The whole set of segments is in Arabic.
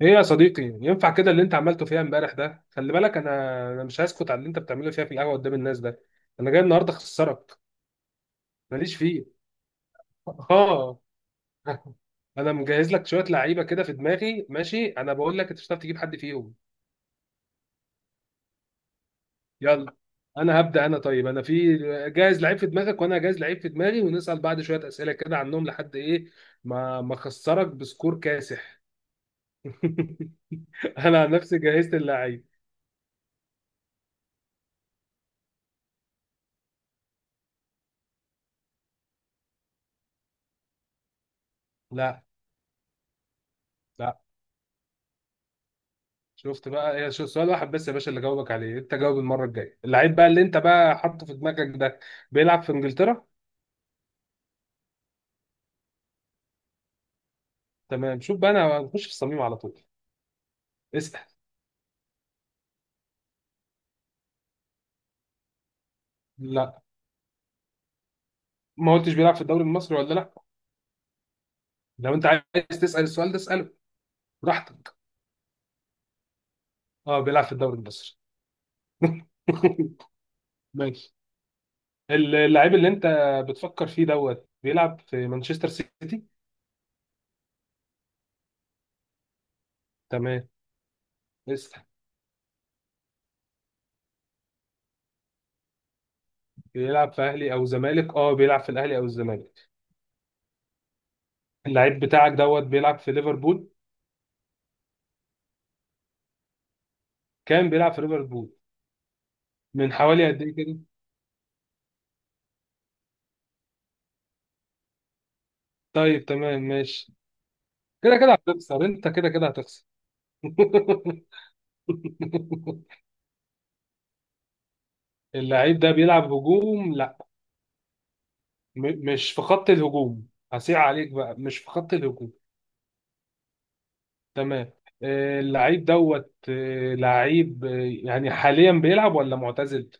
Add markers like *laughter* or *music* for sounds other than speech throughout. ايه يا صديقي، ينفع كده اللي انت عملته فيها امبارح ده؟ خلي بالك. انا مش هسكت على اللي انت بتعمله فيها في القهوه قدام الناس ده. انا جاي النهارده اخسرك. ماليش فيه. اه. *laughs* انا مجهز لك شويه لعيبه كده في دماغي، ماشي. انا بقول لك انت مش هتعرف تجيب حد فيهم. يلا، انا هبدا. انا طيب انا في جاهز لعيب في دماغك، وانا جاهز لعيب في دماغي، ونسال بعض شويه اسئله كده عنهم لحد ايه ما اخسرك بسكور كاسح. *laughs* انا عن نفسي جهزت اللعيب. لا. لا، شفت بقى؟ هي سؤال واحد بس يا باشا اللي جاوبك عليه، انت جاوب المره الجايه اللعيب بقى اللي انت بقى حاطه في دماغك ده. بيلعب في انجلترا. تمام، شوف بقى، انا هنخش في الصميم على طول. اسال. لا، ما قلتش بيلعب في الدوري المصري ولا لا. لو انت عايز تسال السؤال ده، اساله براحتك. اه، بيلعب في الدوري المصري. *laughs* ماشي، اللعيب اللي انت بتفكر فيه دوت بيلعب في مانشستر سيتي. تمام. اسال. بيلعب في اهلي او زمالك؟ اه، بيلعب في الاهلي او الزمالك. اللعيب بتاعك دوت بيلعب في ليفربول. كان بيلعب في ليفربول من حوالي قد ايه كده؟ طيب، تمام، ماشي. كده كده هتخسر، انت كده كده هتخسر. *laughs* اللعيب ده بيلعب هجوم؟ لا، مش في خط الهجوم، هسيع عليك بقى، مش في خط الهجوم. تمام. اللعيب دوت لعيب يعني حاليا بيلعب ولا معتزل؟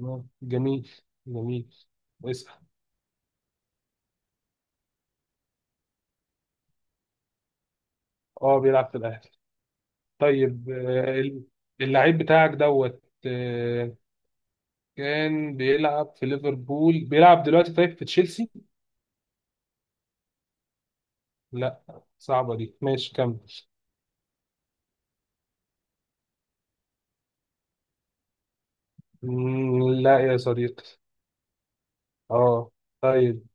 جميل، جميل. اسأل. اه، بيلعب في الاهلي. طيب، اللعيب بتاعك دوت، كان بيلعب في ليفربول، بيلعب دلوقتي طيب في تشيلسي؟ لا. صعبة دي، ماشي كمل. لا يا صديقي. اه. طيب،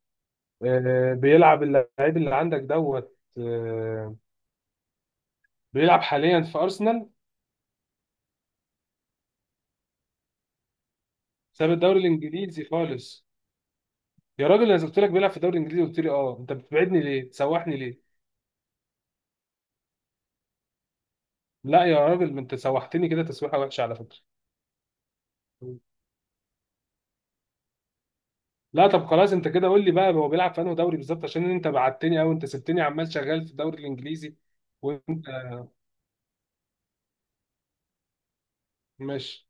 آه بيلعب اللعيب اللي عندك دوت آه بيلعب حاليا في أرسنال؟ ساب الدوري الإنجليزي خالص. يا راجل، انا قلت لك بيلعب في الدوري الإنجليزي، قلت لي اه، انت بتبعدني ليه؟ تسوحني ليه؟ لا يا راجل، ما انت سوحتني كده تسويحة وحشة على فكرة. لا، طب خلاص، انت كده قول لي بقى هو بيلعب في انهي دوري بالظبط، عشان انت بعتني او انت سبتني عمال شغال في الدوري الإنجليزي. وانت. ماشي.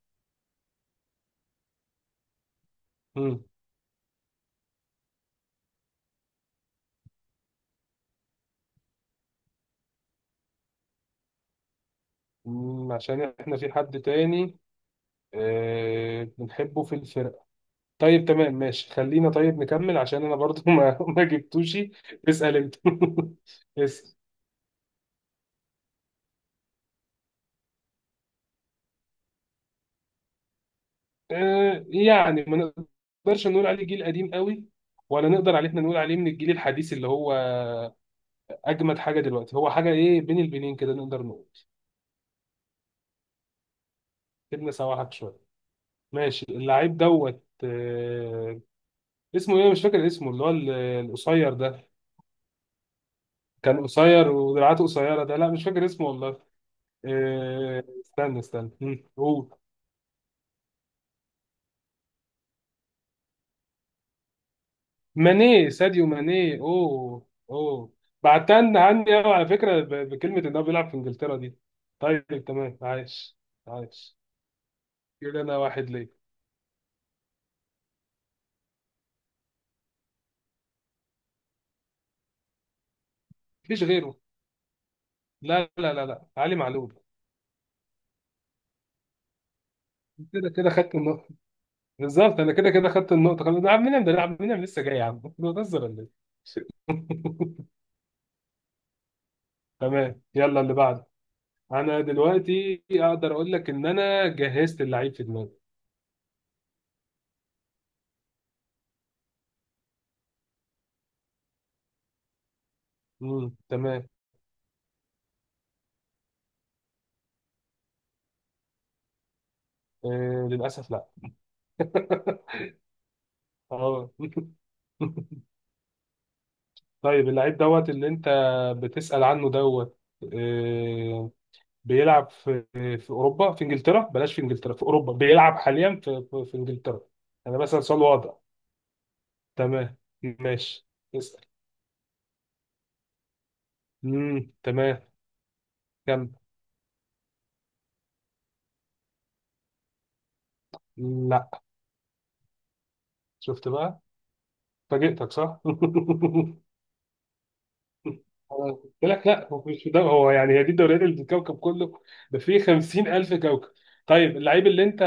عشان احنا في حد تاني بنحبه في الفرقة. طيب تمام، ماشي، خلينا طيب نكمل عشان انا برضو ما *laughs* ما جبتوش. اسأل انت. *laughs* اسأل. يعني ما نقدرش نقول عليه جيل قديم قوي، ولا نقدر عليه احنا نقول عليه من الجيل الحديث اللي هو اجمد حاجة دلوقتي. هو حاجة ايه بين البنين كده نقدر نقول. سيبنا سواحك شوية. ماشي، اللعيب دوت اسمه ايه؟ مش فاكر اسمه، اللي هو القصير ده. كان قصير ودراعاته قصيرة ده. لا، مش فاكر اسمه والله. استنى، استنى. قول. ماني، ساديو ماني. اوه، اوه. بعتن عني قوي على فكره بكلمه ان هو بيلعب في انجلترا دي. طيب تمام، عايش، عايش. كده انا واحد ليه. مفيش غيره. لا، لا، لا، لا، علي معلول. كده كده خدت النقطه، بالظبط، انا كده كده خدت النقطه خلاص. ده عم مين ده؟ أنا عم مين لسه جاي يا عم؟ *laughs* بتهزر ولا ايه؟ *laughs* تمام، يلا اللي بعده. انا دلوقتي اقدر اقول لك ان انا جهزت اللعيب في دماغي. تمام. للأسف لا. *laughs* اه. *laughs* طيب، اللعيب دوت اللي انت بتسأل عنه دوت، آه، بيلعب في اوروبا، في انجلترا. بلاش في انجلترا، في اوروبا. بيلعب حاليا في في انجلترا. انا بسأل سؤال واضح. تمام، ماشي. اسأل. امم، تمام. كم؟ لا. شفت بقى؟ فاجئتك صح؟ *laughs* أنا قلت لك لا هو مش ده. هو يعني هي دي الدوريات اللي في الكوكب كله؟ ده فيه 50,000 كوكب. طيب، اللعيب اللي انت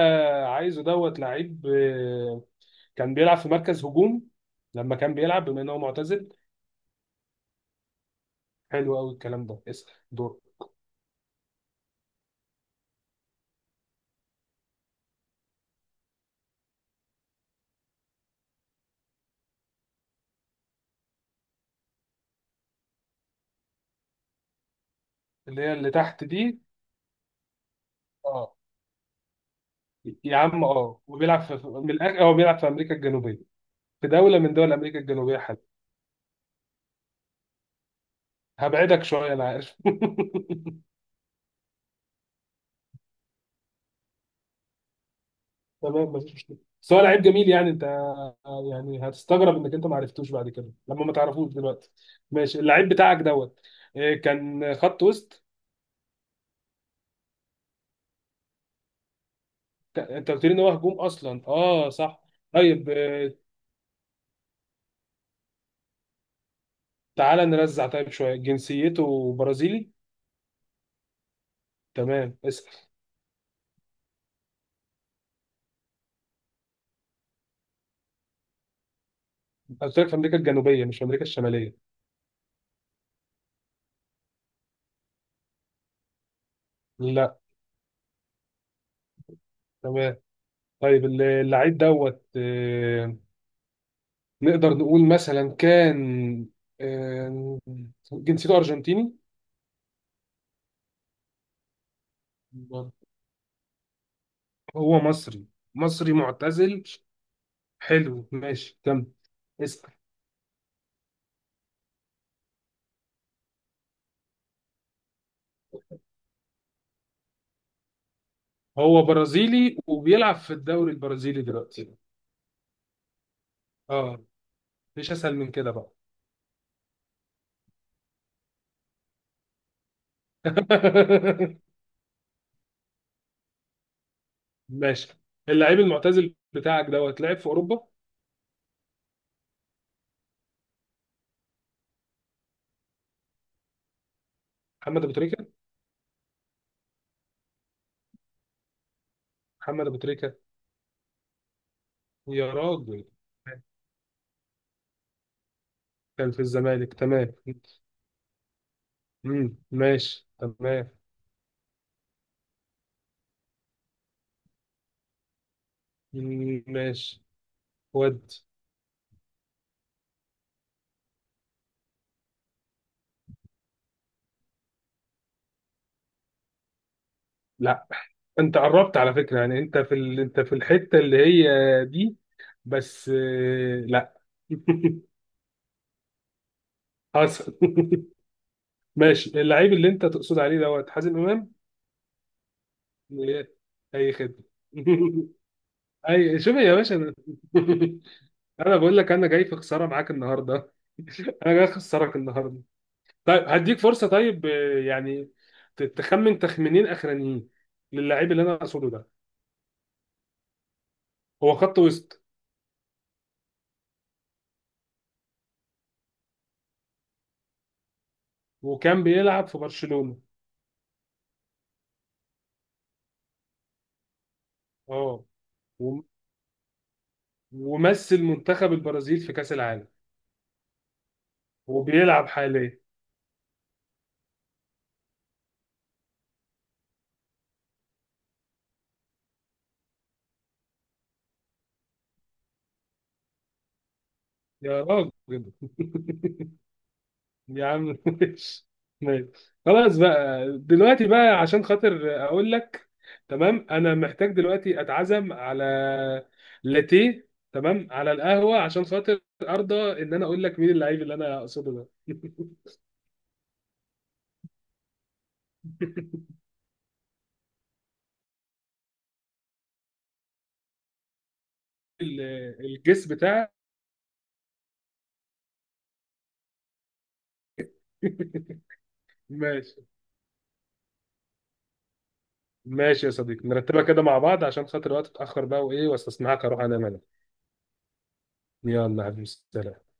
عايزه دوت لعيب كان بيلعب في مركز هجوم لما كان بيلعب، بما ان هو معتزل. حلو قوي الكلام ده. اسال دور. اللي هي اللي تحت دي. اه. يا عم اه، وبيلعب في هو بيلعب في امريكا الجنوبيه، في دوله من دول امريكا الجنوبيه. حلو. هبعدك شويه، انا عارف. *laughs* تمام، مفيش مشكله، بس هو لعيب جميل يعني. انت يعني هتستغرب انك انت ما عرفتوش بعد كده، لما ما تعرفوش دلوقتي. ماشي، اللعيب بتاعك دوت كان خط وسط. انت قلت لي ان هو هجوم اصلا، اه صح. طيب تعالى نرزع طيب شويه، جنسيته برازيلي؟ تمام. اسال. قلت لك في امريكا الجنوبيه، مش في امريكا الشماليه. لا. تمام. طيب، اللعيب دوت نقدر نقول مثلا كان آه، جنسيته ارجنتيني؟ هو مصري؟ مصري معتزل. حلو، ماشي كمل. اسأل. هو برازيلي وبيلعب في الدوري البرازيلي دلوقتي. اه. مفيش اسهل من كده بقى. *laughs* ماشي، اللعيب المعتزل بتاعك دوت لعب في اوروبا؟ محمد ابو تريكه. محمد ابو تريكه. يا راجل. كان في الزمالك؟ تمام. مم. ماشي. تمام. مم. ماشي. ود. لا، انت قربت على فكره يعني، انت في ال... انت في الحته اللي هي دي، بس لا. *laughs* حصل. *laughs* ماشي، اللعيب اللي انت تقصد عليه دوت حازم امام. إيه. اي خدمه. *laughs* اي. شوف يا باشا، انا *laughs* انا بقول لك انا جاي في خساره معاك النهارده. *laughs* انا جاي اخسرك النهارده. طيب، هديك فرصه طيب يعني تخمن تخمينين اخرانيين للاعيب اللي انا اقصده ده. هو خط وسط وكان بيلعب في برشلونه. اه. وم- ومثل منتخب البرازيل في كاس العالم، وبيلعب حاليا. يا راجل. *laughs* يا عم، ماشي، ماشي. خلاص بقى دلوقتي بقى، عشان خاطر اقول لك. تمام، انا محتاج دلوقتي اتعزم على لاتيه، تمام، على القهوة عشان خاطر ارضى ان انا اقول لك مين اللعيب اللي انا اقصده ده. *laughs* ال- الجس بتاعك. *laughs* ماشي. ماشي يا صديقي، نرتبها كده مع بعض عشان خاطر الوقت اتاخر بقى وايه، واستسمحك اروح انام انا. يلا يا حبيبي، سلام.